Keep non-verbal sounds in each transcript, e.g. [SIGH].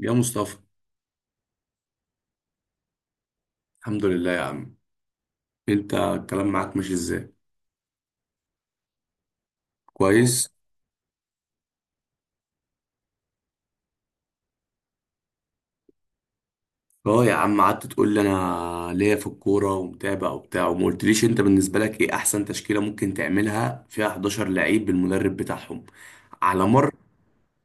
يا مصطفى. الحمد لله يا عم. انت الكلام معاك ماشي ازاي؟ كويس. اه، يا عم قعدت تقول لي انا ليا في الكوره ومتابع وبتاع، وما قلتليش انت بالنسبه لك ايه احسن تشكيله ممكن تعملها فيها 11 لعيب بالمدرب بتاعهم على مر.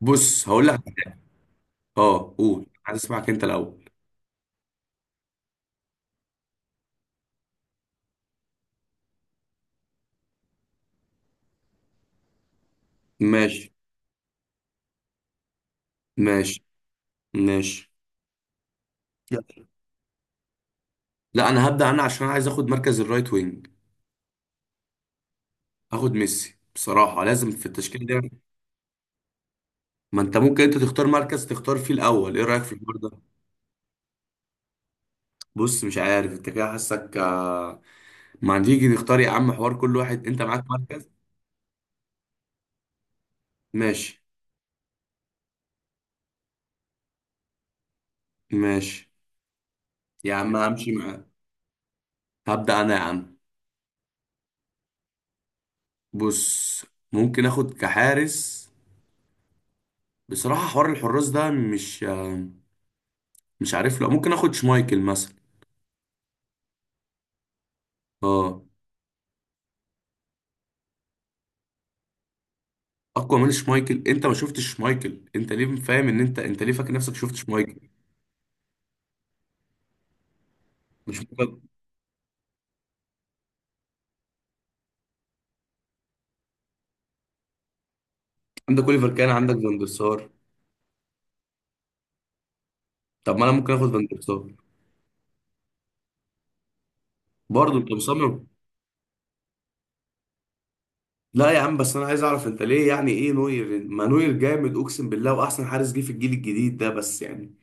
بص، هقول لك. اه، قول، عايز اسمعك انت الاول. ماشي، ماشي، ماشي. يلا. لا، انا هبدا انا عشان عايز اخد مركز الرايت وينج. اخد ميسي بصراحه، لازم في التشكيله دي. ما انت ممكن انت تختار مركز تختار فيه الاول، ايه رايك في الحوار ده؟ بص، مش عارف انت كده حاسك. ما تيجي نختار يا عم، حوار كل واحد انت معاك مركز. ماشي، ماشي. يا عم همشي معاك. هبدأ انا يا عم. بص، ممكن اخد كحارس بصراحة. حوار الحراس ده، مش عارف. لا، ممكن اخد شمايكل مثلا. اه. اقوى من شمايكل؟ انت ما شفتش شمايكل، انت ليه فاهم ان انت ليه فاكر نفسك شفت شمايكل؟ مش ممكن. عندك اوليفر، كان عندك فان der سار. طب ما انا ممكن اخد فان der سار. برضه انت مصمم؟ لا يا عم، بس انا عايز اعرف انت ليه يعني. ايه نوير؟ ما نوير جامد اقسم بالله واحسن حارس جه في الجيل الجديد ده بس يعني.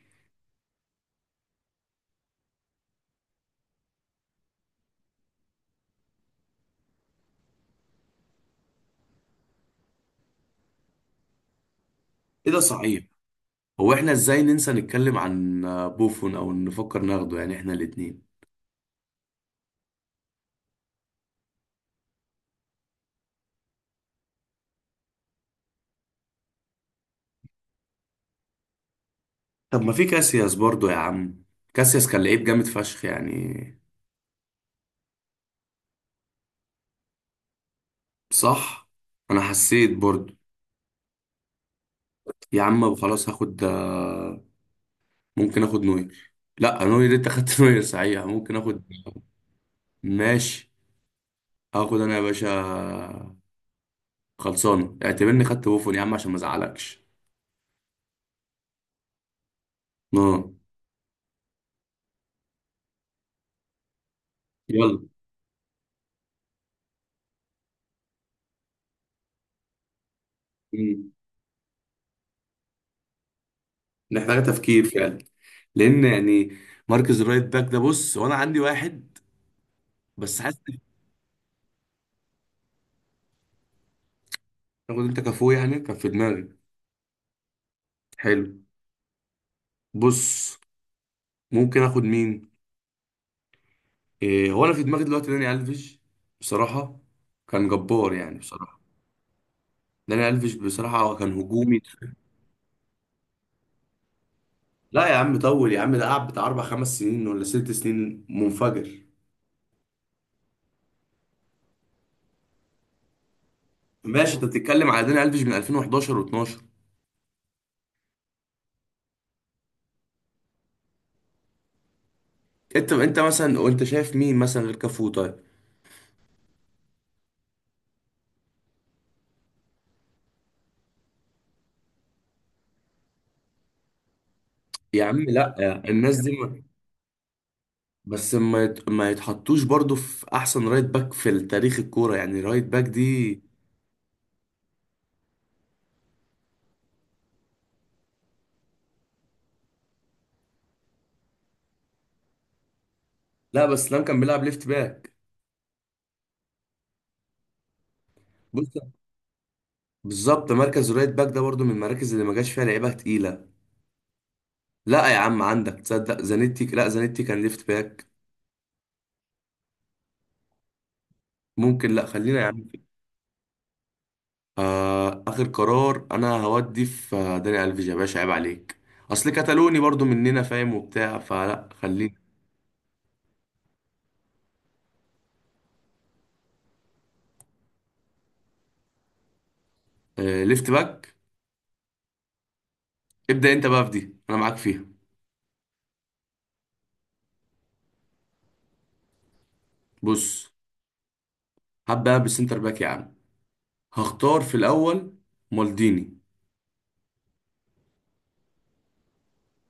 ايه ده، صحيح؟ هو احنا ازاي ننسى نتكلم عن بوفون او نفكر ناخده يعني احنا الاتنين. طب ما في كاسياس برضو يا عم. كاسياس كان لعيب جامد فشخ يعني. صح، انا حسيت برضو. يا عم خلاص، هاخد ممكن اخد نوير. لا نوير انت خدت [LAUGHS] نوير، صحيح ممكن اخد. ماشي، هاخد انا يا باشا خلصان. اعتبرني خدت بوفون يا عم عشان ما ازعلكش. اه. يلا. مم. محتاجه تفكير فعلا. لان يعني مركز الرايت باك ده، بص، وانا عندي واحد بس حاسس. تاخد انت كفو يعني، كان في دماغي. حلو. بص، ممكن اخد مين؟ إيه هو انا في دماغي دلوقتي داني الفيش بصراحه. كان جبار يعني بصراحه. داني الفيش بصراحه كان هجومي. لا يا عم، طول يا عم، ده قعد بتاع اربع خمس سنين ولا 6 سنين منفجر. ماشي، انت بتتكلم على داني الفيش من 2011 و12. انت مثلا وانت شايف مين مثلا غير كافو؟ طيب. يا عم لا، الناس دي ما... بس ما يتحطوش برضو في احسن رايت باك في تاريخ الكوره، يعني رايت باك دي. لا، بس لام كان بيلعب ليفت باك. بص، بالظبط مركز الرايت باك ده برضو من المراكز اللي ما جاش فيها لعيبه تقيله. لا يا عم، عندك تصدق زانيتي. لا، زانيتي كان ليفت باك. ممكن. لا، خلينا يا عم. اخر قرار انا هودي في داني الفيج، يا باشا عيب عليك. اصل كتالوني برضو مننا، فاهم وبتاع، فلا خلينا. ليفت باك. ابدأ انت بقى في دي، انا معاك فيها. بص، هبدأ بالسنتر باك يا عم. هختار في الاول مالديني.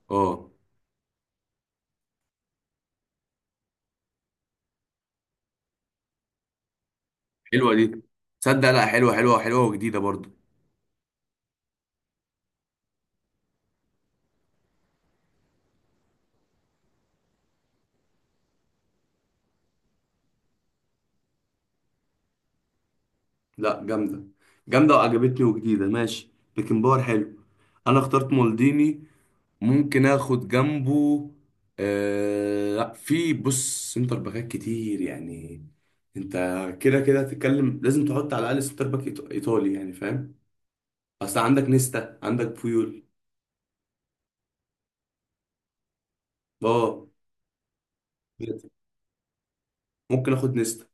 اه. حلوة دي، تصدق؟ لا، حلوة حلوة حلوة وجديدة برضو. لا، جامدة جامدة وعجبتني وجديدة. ماشي بيكن باور، حلو. انا اخترت مالديني، ممكن اخد جنبه. لا، في، بص، سنتر باكات كتير يعني. انت كده كده هتتكلم، لازم تحط على الاقل سنتر باك ايطالي يعني، فاهم. اصل عندك نيستا، عندك بويول. اه. ممكن اخد نيستا.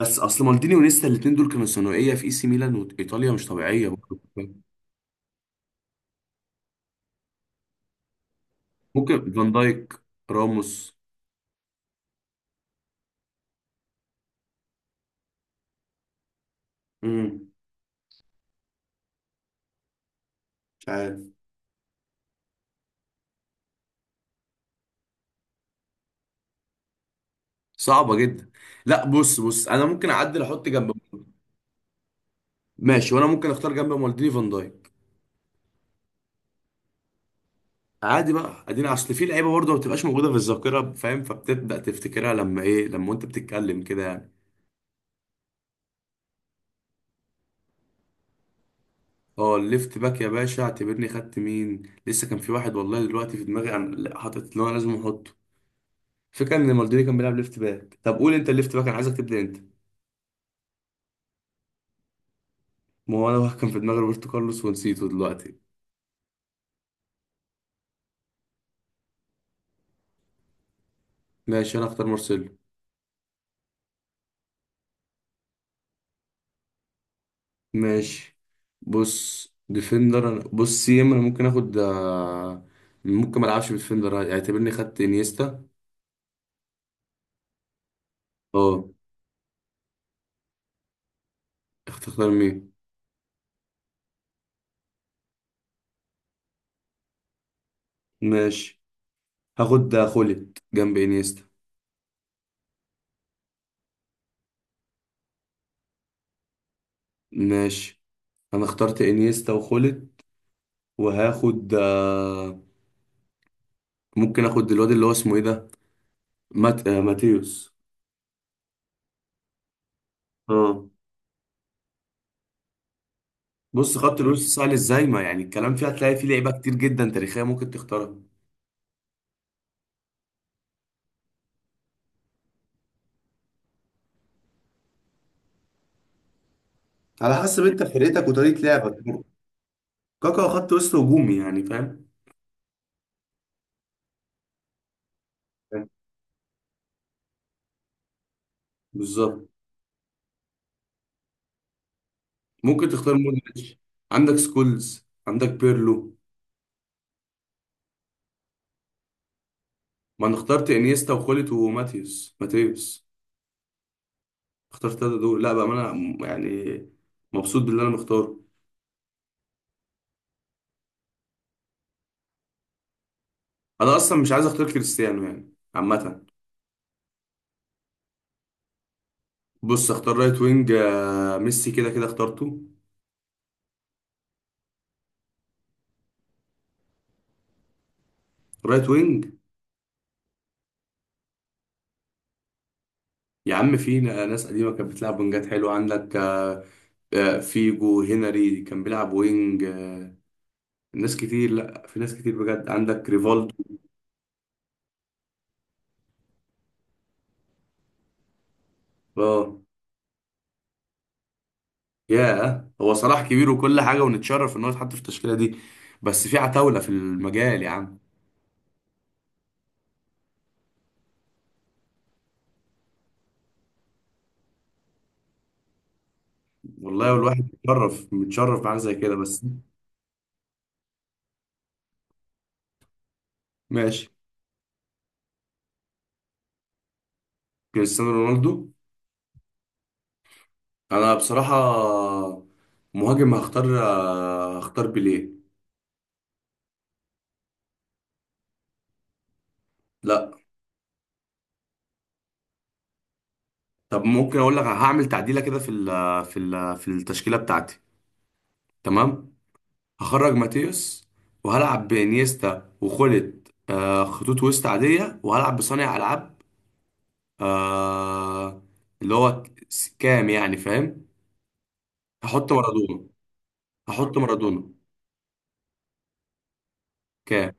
بس اصل مالديني ونيستا الاتنين دول كانوا ثانويه في اي سي ميلان وايطاليا مش طبيعيه برضه. ممكن فان دايك، راموس. امم مش عارف. صعبه جدا. لا، بص انا ممكن اعدل احط جنب. ماشي، وانا ممكن اختار جنب مالديني فان دايك. عادي بقى ادينا، اصل في لعيبه برضه ما بتبقاش موجوده في الذاكره فاهم، فبتبدا تفتكرها لما انت بتتكلم كده يعني. اه، الليفت باك يا باشا، اعتبرني خدت مين؟ لسه كان في واحد والله دلوقتي في دماغي عن لا، حاطط اللي هو لازم احطه. فكرة ان مالديني كان بيلعب ليفت باك. طب قول انت الليفت باك، انا عايزك تبدا انت. ما هو انا كان في دماغي روبرتو كارلوس ونسيته دلوقتي. ماشي، انا اختار مارسيلو. ماشي. بص، ديفندر بص سي ام، انا ممكن اخد. ممكن ما العبش بديفندر، اعتبرني خدت انيستا. اه، اختار مين؟ ماشي، هاخد خوليت جنب انيستا. ماشي، انا اخترت انيستا وخوليت. وهاخد ممكن اخد الواد اللي هو اسمه ايه ده، ماتيوس. اه. بص، خط الوسط سهل ازاي، ما يعني الكلام فيه هتلاقي فيه لعيبه كتير جدا تاريخيه ممكن تختارها. على حسب انت فرقتك وطريقه لعبك. كاكا خط وسط هجومي يعني، فاهم. بالظبط. ممكن تختار مودريتش، عندك سكولز، عندك بيرلو. ما انا اخترت انيستا وخولت وماتيوس ماتيوس اخترت التلاته دول. لا بقى، ما انا يعني مبسوط باللي انا مختاره. انا اصلا مش عايز اختار كريستيانو يعني عامه. بص، اختار رايت وينج. ميسي كده كده اخترته. رايت وينج. يا عم، في ناس قديمة كانت بتلعب وينجات حلوة، عندك. فيجو، هنري كان بيلعب وينج. ناس كتير. لا، في ناس كتير بجد، عندك ريفالدو. اه. ياه، هو صلاح كبير وكل حاجة، ونتشرف ان هو يتحط في التشكيلة دي. بس في عتاولة في المجال يا عم. والله الواحد متشرف متشرف بحاجة زي كده، بس. ماشي. كريستيانو رونالدو. انا بصراحة، مهاجم، هختار بيليه. لا. طب ممكن اقول لك هعمل تعديله كده في التشكيله بتاعتي. تمام. هخرج ماتيوس، وهلعب بانيستا وخلت خطوط وسط عاديه، وهلعب بصانع العاب آه اللي هو كام يعني، فاهم. هحط مارادونا. هحط مارادونا كام.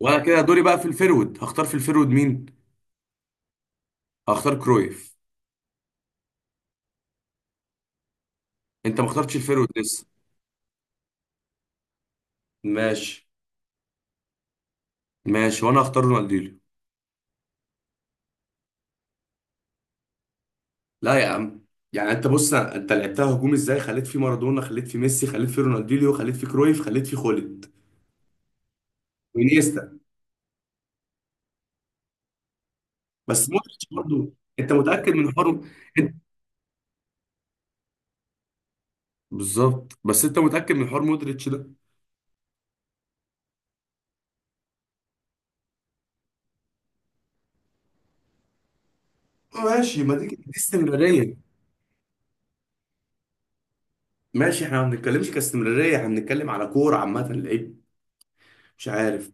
وانا كده دوري بقى في الفيرود، هختار في الفيرود مين. هختار كرويف. انت ما اخترتش الفيرود لسه. ماشي. ماشي، وانا هختار رونالدينيو. لا يا عم. يعني انت بص، انت لعبتها هجوم ازاي؟ خليت فيه مارادونا، خليت فيه ميسي، خليت فيه رونالدينيو، خليت فيه كرويف، خليت فيه خولد. وانيستا. بس مودريتش برضه. انت متاكد من حوار انت. بالظبط، بس انت متاكد من حوار مودريتش ده؟ ماشي، ما دي استمراريه. ماشي، احنا ما بنتكلمش كاستمراريه، احنا بنتكلم على كوره عامه لعيب. مش عارف.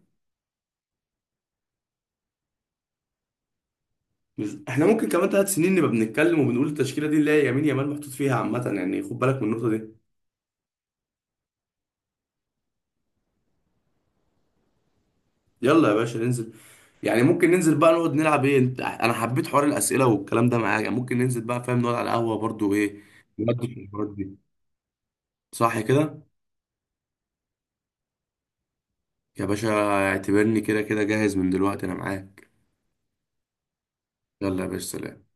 مش... احنا ممكن كمان 3 سنين نبقى بنتكلم وبنقول التشكيله دي اللي هي يمين يامال محطوط فيها عامه يعني، خد بالك من النقطه دي. يلا يا باشا ننزل. يعني ممكن ننزل بقى نقعد نلعب ايه انت، انا حبيت حوار الاسئله والكلام ده معاك يعني، ممكن ننزل بقى فاهم نقعد على القهوه برضو، ايه. نودي في الحوارات دي. صح كده. يا باشا، اعتبرني كده كده جاهز من دلوقتي انا معاك. يلا يا باشا، سلام.